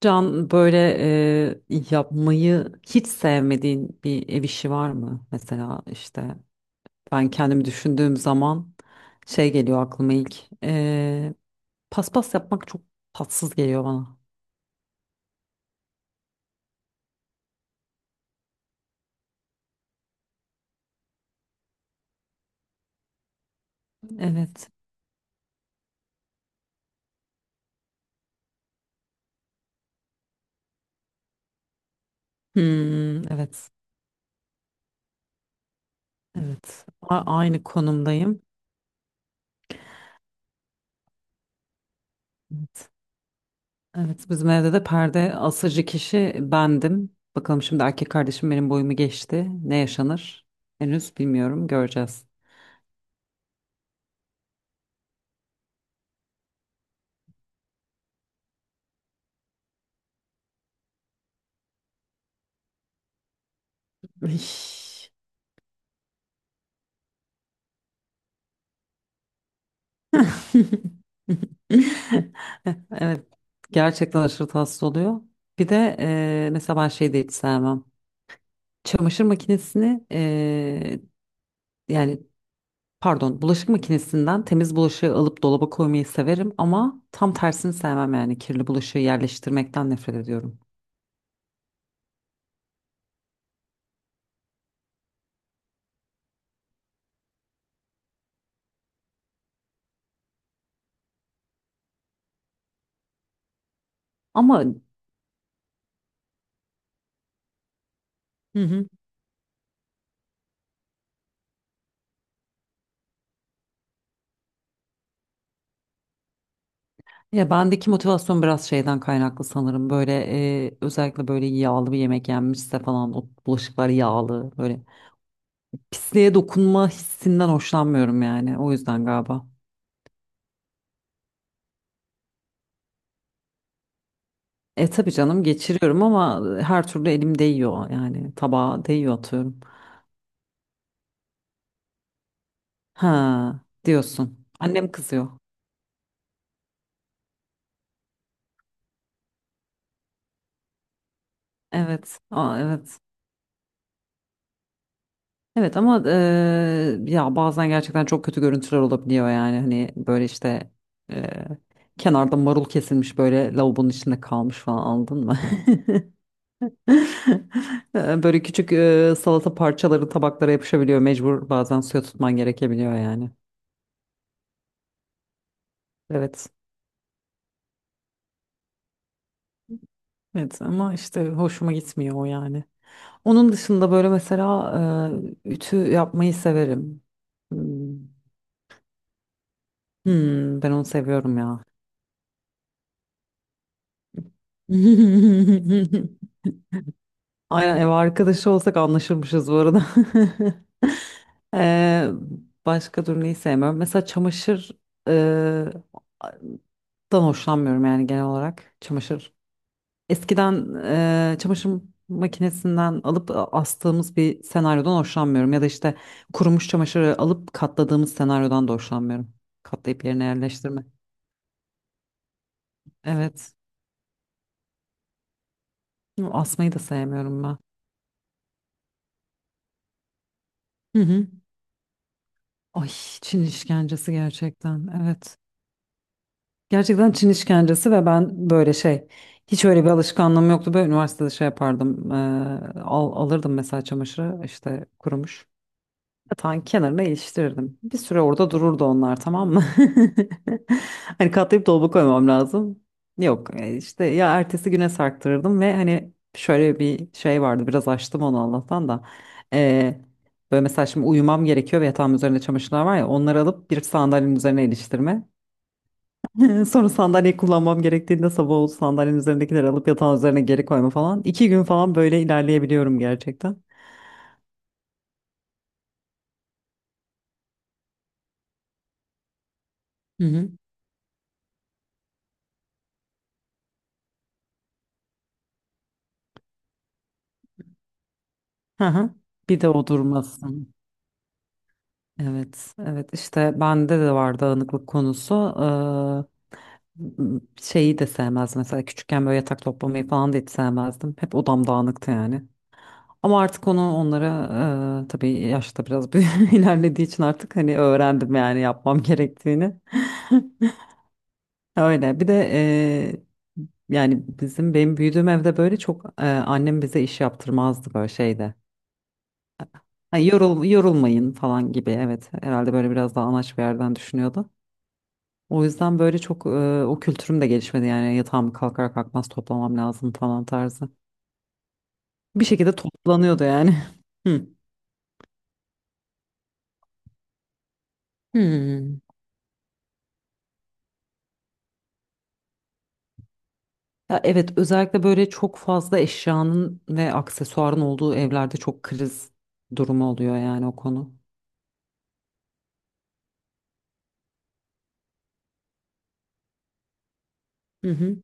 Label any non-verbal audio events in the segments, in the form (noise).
Can böyle, yapmayı hiç sevmediğin bir ev işi var mı? Mesela işte ben kendimi düşündüğüm zaman şey geliyor aklıma ilk. E, Paspas yapmak çok tatsız geliyor bana. Evet. Hmm, evet. Evet. Aynı konumdayım. Evet. Evet. Bizim evde de perde asıcı kişi bendim. Bakalım şimdi erkek kardeşim benim boyumu geçti. Ne yaşanır? Henüz bilmiyorum. Göreceğiz. Üş. (laughs) Evet. Gerçekten aşırı tatsız oluyor. Bir de mesela ben şey de hiç sevmem. Çamaşır makinesini yani pardon bulaşık makinesinden temiz bulaşığı alıp dolaba koymayı severim ama tam tersini sevmem, yani kirli bulaşığı yerleştirmekten nefret ediyorum. Ama. Hı hı. Ya bendeki motivasyon biraz şeyden kaynaklı sanırım. Böyle, özellikle böyle yağlı bir yemek yenmişse falan, o bulaşıklar yağlı böyle pisliğe dokunma hissinden hoşlanmıyorum yani. O yüzden galiba. E tabii canım, geçiriyorum ama her türlü elim değiyor yani, tabağa değiyor atıyorum. Ha diyorsun. Annem kızıyor. Evet. Aa, evet. Evet ama ya bazen gerçekten çok kötü görüntüler olabiliyor yani, hani böyle işte, eee, kenarda marul kesilmiş böyle lavabonun içinde kalmış falan, anladın mı? (laughs) (laughs) Böyle küçük salata parçaları tabaklara yapışabiliyor. Mecbur bazen suya tutman gerekebiliyor yani. Evet. Evet ama işte hoşuma gitmiyor o yani. Onun dışında böyle mesela ütü yapmayı severim. Hmm. Hmm, ben onu seviyorum ya. (laughs) Aynen, ev arkadaşı olsak anlaşırmışız bu arada. (laughs) Eee, Başka durmayı sevmiyorum. Mesela çamaşır eee, dan hoşlanmıyorum yani genel olarak. Çamaşır. Eskiden çamaşır makinesinden alıp astığımız bir senaryodan hoşlanmıyorum. Ya da işte kurumuş çamaşırı alıp katladığımız senaryodan da hoşlanmıyorum. Katlayıp yerine yerleştirme. Evet. Asmayı da sevmiyorum ben. Hı hı. Ay, Çin işkencesi gerçekten. Evet. Gerçekten Çin işkencesi. Ve ben böyle şey, hiç öyle bir alışkanlığım yoktu. Böyle üniversitede şey yapardım. Alırdım mesela çamaşırı işte, kurumuş. Yatağın kenarına iliştirirdim. Bir süre orada dururdu onlar, tamam mı? (laughs) Hani katlayıp dolaba koymam lazım. Yok, işte ya, ertesi güne sarktırırdım. Ve hani şöyle bir şey vardı, biraz açtım onu Allah'tan da. Ee, Böyle mesela şimdi uyumam gerekiyor ve yatağımın üzerinde çamaşırlar var ya, onları alıp bir sandalyenin üzerine iliştirme. (laughs) Sonra sandalyeyi kullanmam gerektiğinde, sabah oldu, sandalyenin üzerindekileri alıp yatağın üzerine geri koyma falan. İki gün falan böyle ilerleyebiliyorum gerçekten. Hı hı. Hı hı. Bir de o durmasın. Evet, evet, işte bende de var dağınıklık konusu. Şeyi de sevmezdim mesela, küçükken böyle yatak toplamayı falan da hiç sevmezdim. Hep odam dağınıktı yani. Ama artık onu onlara, tabii yaşta biraz (laughs) ilerlediği için artık hani öğrendim yani yapmam gerektiğini. (laughs) Öyle. Bir de yani benim büyüdüğüm evde böyle çok, annem bize iş yaptırmazdı böyle şeyde. Hani yorulmayın falan gibi, evet, herhalde böyle biraz daha anaç bir yerden düşünüyordu. O yüzden böyle çok, o kültürüm de gelişmedi yani, yatağımı kalkar kalkmaz toplamam lazım falan tarzı. Bir şekilde toplanıyordu yani. (laughs) Hı. Hmm. Ya evet, özellikle böyle çok fazla eşyanın ve aksesuarın olduğu evlerde çok kriz durumu oluyor yani o konu. Hı hı.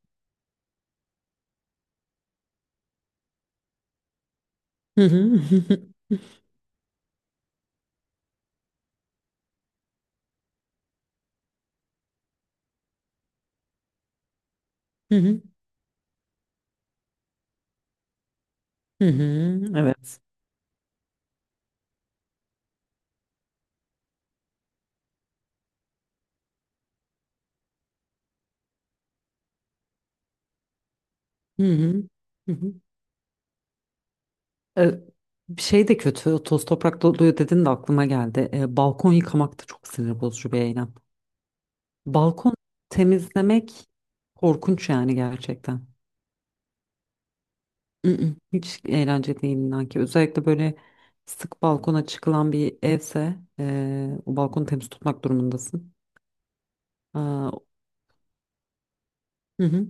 Hı hı. (laughs) Hı hı. Hı hı. Evet. Hı hı. Hı hı. E, Bir şey de kötü. Toz toprak doluyor dedin de aklıma geldi. Balkon yıkamak da çok sinir bozucu bir eylem. Balkon temizlemek korkunç yani, gerçekten. Mm-mm. Hiç eğlence değil inan ki. Özellikle böyle sık balkona çıkılan bir evse, o balkonu temiz tutmak durumundasın. Aa, hı hı,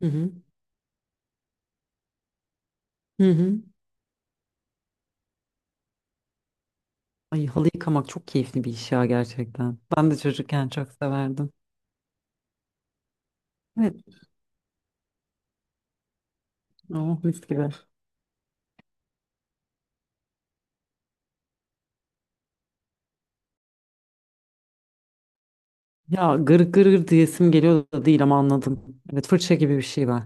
hı hı, hı hı. Ay, halı yıkamak çok keyifli bir iş ya, gerçekten. Ben de çocukken çok severdim. Evet. Oh, mis gibi. Ya gır gır gır diyesim geliyor da değil, ama anladım. Evet, fırça gibi bir şey var.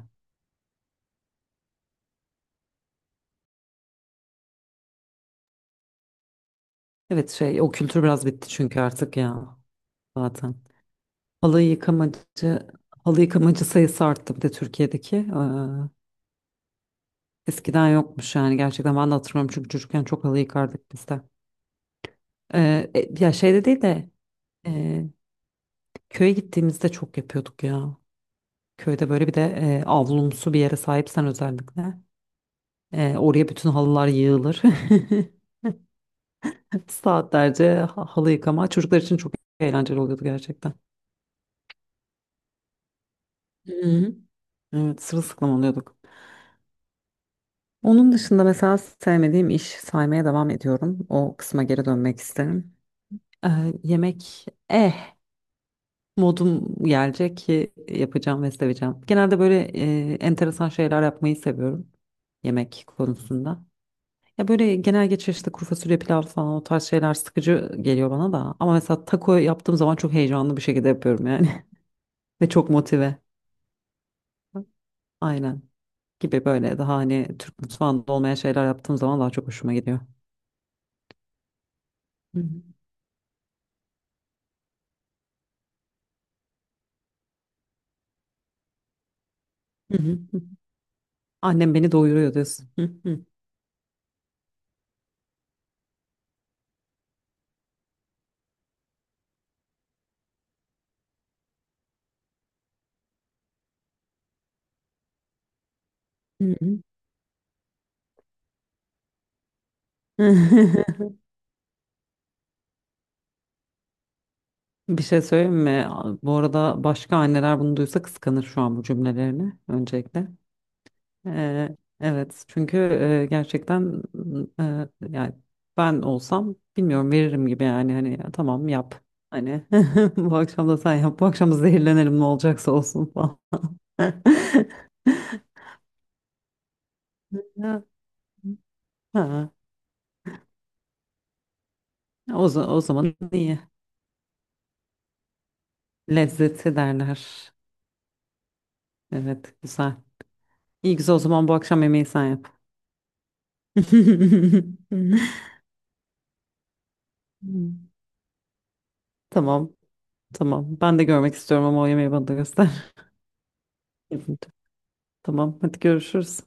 Evet, şey, o kültür biraz bitti çünkü artık ya, zaten. Halı yıkamacı, Halı yıkamacı sayısı arttı bir de Türkiye'deki. Eskiden yokmuş yani gerçekten, ben de hatırlamıyorum çünkü çocukken çok halı yıkardık biz de. Ya şeyde değil de, e, köye gittiğimizde çok yapıyorduk ya. Köyde böyle bir de avlumsu bir yere sahipsen özellikle, oraya bütün halılar yığılır. (laughs) Saatlerce halı yıkama çocuklar için çok eğlenceli oluyordu gerçekten. Hı hı. Evet, sırılsıklam oluyorduk. Onun dışında mesela sevmediğim iş saymaya devam ediyorum. O kısma geri dönmek isterim. Ee, Yemek, modum gelecek ki yapacağım ve seveceğim. Genelde böyle enteresan şeyler yapmayı seviyorum yemek konusunda. Ya böyle genel geçer, işte kuru fasulye pilav falan o tarz şeyler sıkıcı geliyor bana da. Ama mesela taco yaptığım zaman çok heyecanlı bir şekilde yapıyorum yani. (laughs) Ve çok motive. Aynen, gibi böyle daha hani Türk mutfağında olmayan şeyler yaptığım zaman daha çok hoşuma gidiyor. Hı hı. Hı hı. Annem beni doyuruyor diyorsun. Hı hı. Hı hı. (laughs) Bir şey söyleyeyim mi? Bu arada başka anneler bunu duysa kıskanır şu an bu cümlelerini öncelikle. Evet, çünkü gerçekten, yani, ben olsam bilmiyorum, veririm gibi yani, hani ya tamam yap. Hani (laughs) bu akşam da sen yap. Bu akşam da zehirlenelim, ne olacaksa olsun falan. (laughs) Ya, ha, o zaman iyi. Lezzeti derler. Evet, güzel. İyi, güzel, o zaman bu akşam yemeği sen yap. (laughs) Tamam, tamam. Ben de görmek istiyorum ama o yemeği bana da göster. (laughs) Tamam, hadi görüşürüz.